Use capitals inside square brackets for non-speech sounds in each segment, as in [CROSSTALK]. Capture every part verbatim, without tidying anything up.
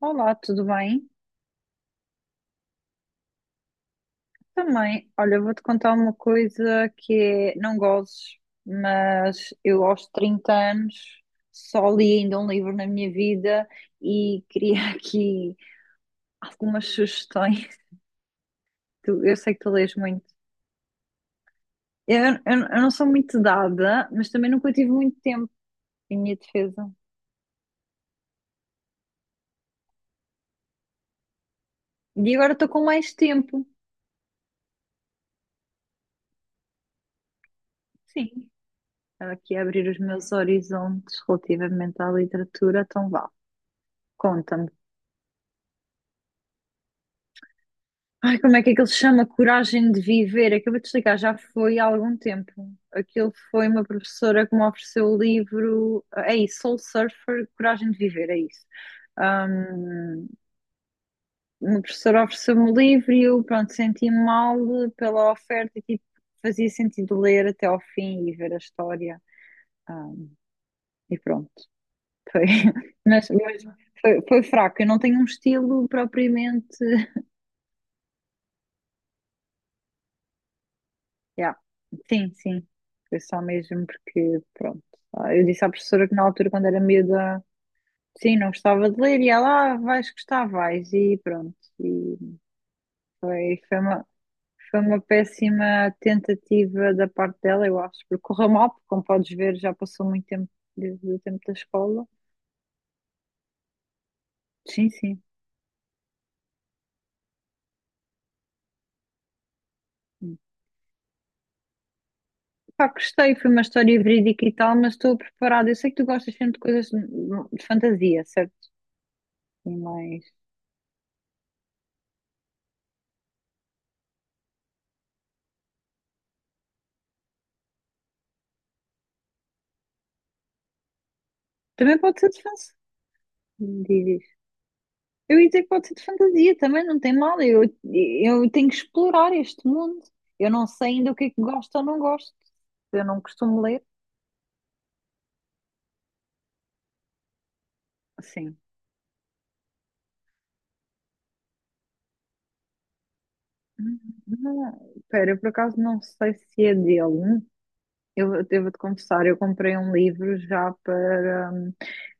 Olá, tudo bem? Também, olha, eu vou-te contar uma coisa que é, não gozes, mas eu aos trinta anos só li ainda um livro na minha vida e [LAUGHS] queria aqui algumas sugestões. [LAUGHS] Tu- Eu sei que tu lês muito. Eu, eu, eu não sou muito dada, mas também nunca tive muito tempo em minha defesa. E agora estou com mais tempo. Sim, estava aqui a abrir os meus horizontes relativamente à literatura, então vá, conta-me. Ai, como é que aquilo se chama? Coragem de Viver. Acabei de explicar, já foi há algum tempo. Aquilo foi uma professora que me ofereceu o livro. É isso, Soul Surfer, Coragem de Viver, é isso. Um, uma professora ofereceu-me o livro e eu, pronto, senti-me mal pela oferta e tipo, fazia sentido ler até ao fim e ver a história. Ah, e pronto. Foi. [LAUGHS] Mas, mas foi, foi fraco. Eu não tenho um estilo propriamente. Yeah. Sim, sim. Foi só mesmo porque, pronto. ah, Eu disse à professora que na altura, quando era miúda, sim, não gostava de ler e ela, ah, vais gostar, vais. E pronto. E foi, foi uma, foi uma péssima tentativa da parte dela, eu acho, porque correu mal, porque como podes ver, já passou muito tempo desde o tempo da escola. Sim, sim. Pá, gostei, foi uma história verídica e tal, mas estou preparada. Eu sei que tu gostas sempre de coisas de de fantasia, certo? Sim, mas também pode ser de fantasia. Eu ia dizer que pode ser de fantasia também, não tem mal. Eu, eu tenho que explorar este mundo. Eu não sei ainda o que é que gosto ou não gosto. Eu não costumo ler. Sim. Espera, eu por acaso não sei se é dele. Eu devo-te confessar, eu comprei um livro já para hum,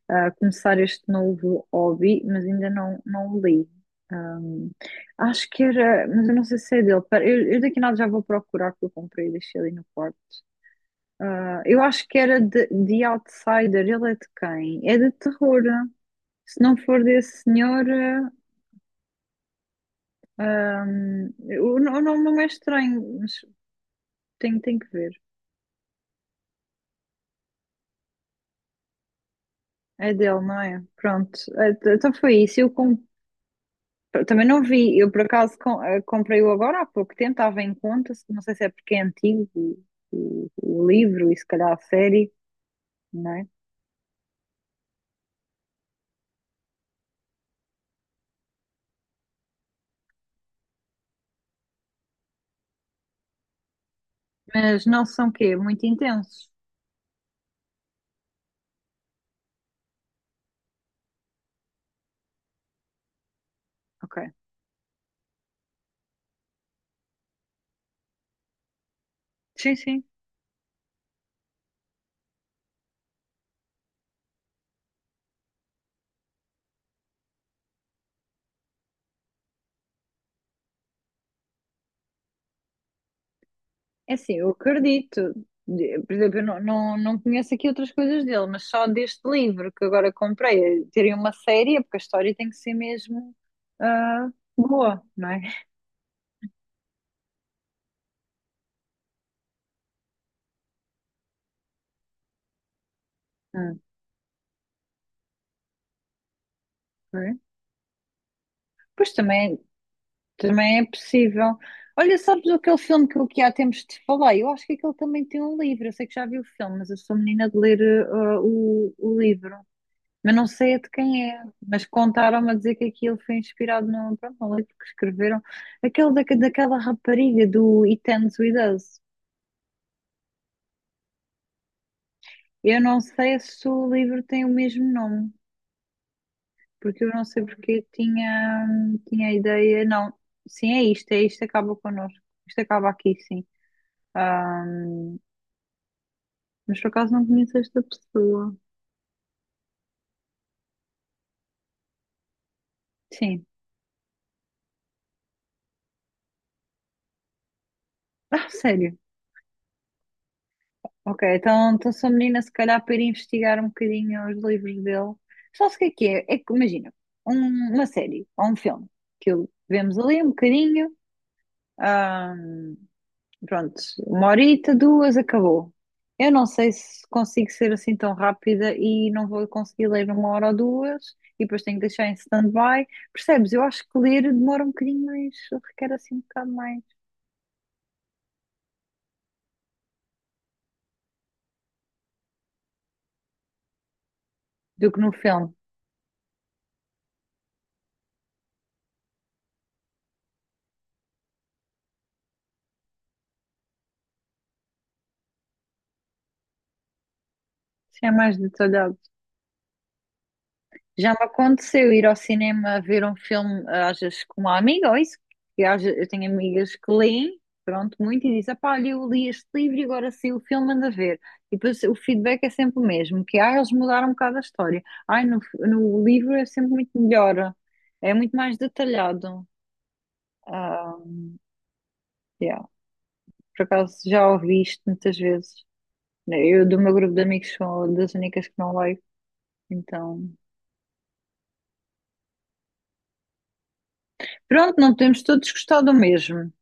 ah, começar este novo hobby, mas ainda não, não o li. Hum, acho que era, mas eu não sei se é dele. Pera, eu, eu daqui a nada já vou procurar que eu comprei e deixei ali no quarto. Ah, eu acho que era de, de Outsider. Ele é de quem? É de terror. Se não for desse senhor, ah, hum, o, o nome não é estranho, mas tenho, tenho que ver. É dele, não é? Pronto. Eh, t- Então foi isso. Eu com- também não vi. Eu por acaso com- eh, comprei-o agora há pouco tempo. Estava em conta. Não sei se é porque é antigo o, o- o livro e se calhar a série, não é? Mas não são quê? Muito intensos. Ok. Sim, sim. É assim, eu acredito. De- Por exemplo, eu não, não, não conheço aqui outras coisas dele, mas só deste livro que agora comprei, eh, terem uma série, é porque a história tem que ser mesmo ah, boa, não é? Ah, ok. Pois também, também é possível. Olha, sabes aquele filme que eu aqui há tempos te falei? Eu acho que aquele também tem um livro. Eu sei que já vi o filme, mas eu sou menina de ler ah, o, o livro. Mas não sei de quem é, mas contaram-me a dizer que aquilo foi inspirado num, pronto, num livro que escreveram, aquele da, daquela rapariga do It Ends With Us. Eu não sei se o livro tem o mesmo nome, porque eu não sei porque tinha, tinha a ideia, não, sim, é isto, é isto, acaba connosco, isto acaba aqui, sim. Ah, mas por acaso não conheço esta pessoa. Sim. Ah, sério? Ok, então, então sou menina, se calhar, para ir investigar um bocadinho os livros dele. Só se o que é que é? É que, imagina, um- uma série ou um filme que eu- vemos ali um bocadinho, ah, pronto, uma horita, duas, acabou. Eu não sei se consigo ser assim tão rápida e não vou conseguir ler uma hora ou duas e depois tenho que deixar em stand-by. Percebes? Eu acho que ler demora um bocadinho mais, requer assim um bocado mais do que no filme. Assim é mais detalhado. Já me aconteceu ir ao cinema ver um filme, eh, às vezes com uma amiga, ou isso, que às ve- eu tenho amigas que leem, pronto, muito, e dizem, pá, olha, eu li este livro e agora saiu o filme, anda a ver. E depois o feedback é sempre o mesmo, que, ah, eles mudaram um bocado a história. Ai, no, f- no livro é sempre muito melhor, é muito mais detalhado. Ah, yeah. Por acaso já ouvi isto muitas vezes. Eu, do meu grupo de amigos, sou das únicas que não leio, então... Pronto, não podemos todos gostar do mesmo.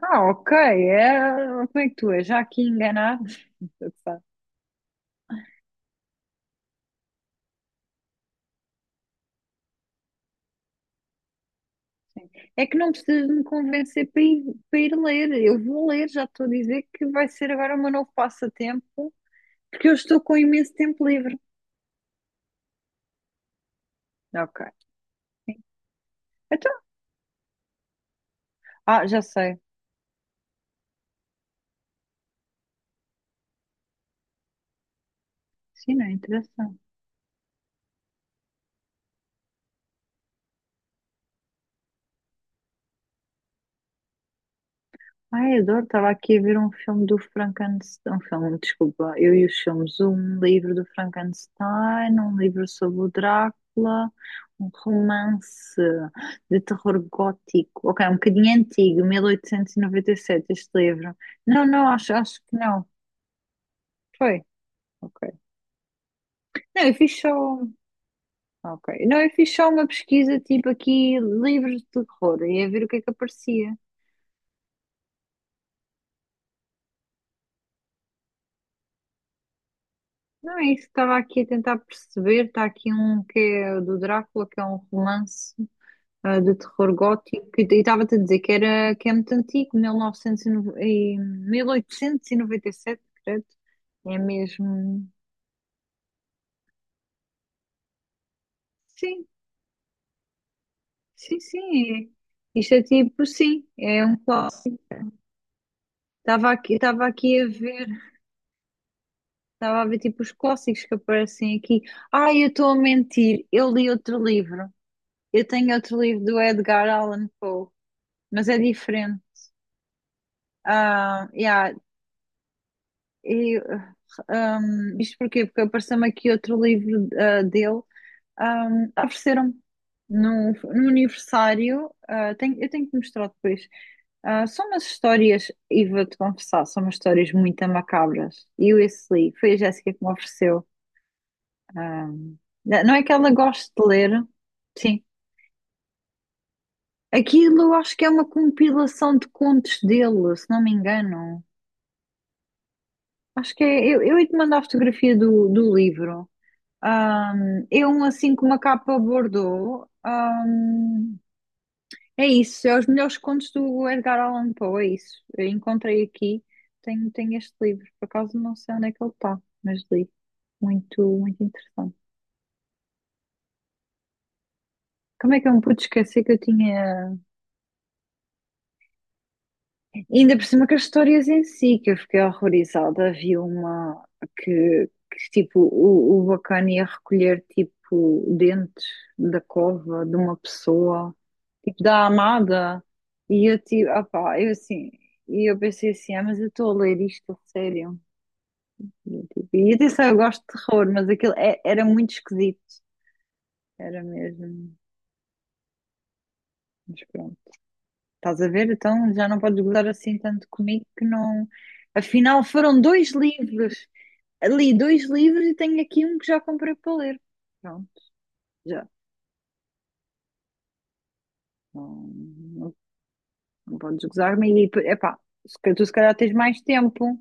Ah, ok, é... como é que tu és? Já aqui enganado? É que não precisas de me convencer para ir, para ir ler. Eu vou ler, já estou a dizer que vai ser agora o meu novo passatempo, porque eu estou com imenso tempo livre. Ok. Então, ah, já sei. Sim, não interessa. Ai, adoro, estava aqui a ver um filme do Frankenstein, um filme, desculpa, eu e os filmes, um livro do Frankenstein, um livro sobre o Drácula, um romance de terror gótico, ok, um bocadinho antigo, mil oitocentos e noventa e sete este livro. Não, não, acho, acho que não, foi, ok. Não, eu fiz só, um, ok, não, eu fiz só uma pesquisa tipo aqui, livros de terror, e a ver o que é que aparecia. Não é isso, estava aqui a tentar perceber. Está aqui um que é do Drácula, que é um romance ah, de terror gótico. E e estava-te a dizer que, era, que é muito antigo, mil novecentos e nove e mil oitocentos e noventa e sete, credo. É mesmo. Sim, sim, sim. é. Isto é tipo, sim, é um clássico. Estava aqui, estava aqui a ver, estava a ver tipo os clássicos que aparecem aqui. Ai, eu estou a mentir, eu li outro livro. Eu tenho outro livro do Edgar Allan Poe, mas é diferente. Ah, yeah, e, ahm, isto porquê? Porque apareceu-me aqui outro livro ah, dele. Ahm, ofereceram-me no, no aniversário. Ah, tenho- eu tenho que mostrar depois. Ah, são umas histórias, e vou-te confessar, são umas histórias muito macabras. E eu esse li, foi a Jéssica que me ofereceu. Ahm, não é que ela goste de ler, sim. Aquilo eu acho que é uma compilação de contos dele, se não me engano. Acho que é. Eu, eu ia te mandar a fotografia do, do livro. Ahm, é um assim com uma capa bordô. Ahm, é isso, é os melhores contos do Edgar Allan Poe, é isso. Eu encontrei aqui, tenho, tenho este livro, por acaso não sei onde é que ele está, mas li. Muito, muito interessante. Como é que eu me pude esquecer que eu tinha. Ainda por cima que as histórias em si, que eu fiquei horrorizada. Havia uma que, que, tipo, o, o bacana ia recolher, tipo, dentes da cova de uma pessoa. Tipo, da Amada. E eu tipo, opá, eu assim, e eu pensei assim, ah, mas eu estou a ler isto a sério. E, eu, tipo, e atenção, eu gosto de terror, mas aquilo é- era muito esquisito, era mesmo. Mas pronto, estás a ver? Então já não podes gozar assim tanto comigo que não. Afinal, foram dois livros. Li dois livros e tenho aqui um que já comprei para ler. Pronto, já. Não, não, não podes gozar-me. E, epá, se calhar- tu se calhar tens mais tempo.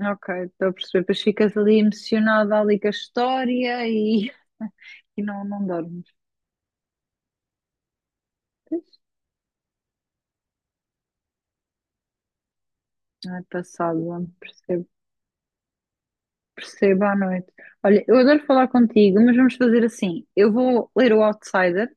Ok, estou a perceber. Depois ficas ali emocionada ali com a história e, e não, não dormes. Pois, não é passado, percebo, percebo à noite. Olha, eu adoro falar contigo, mas vamos fazer assim. Eu vou ler o Outsider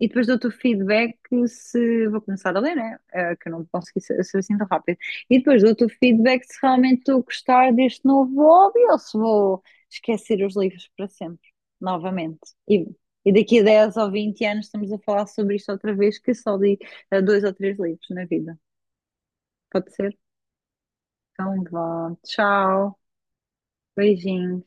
e depois dou-te o feedback se vou começar a ler, né? Eh, que eu não consegui ser, ser assim tão rápido. E depois dou-te o feedback se realmente estou a gostar deste novo hobby ou se vou esquecer os livros para sempre, novamente. E, e daqui a dez ou vinte anos estamos a falar sobre isto outra vez, que só li eh, dois ou três livros na vida. Pode ser? Então vá. Tchau. Beijinho.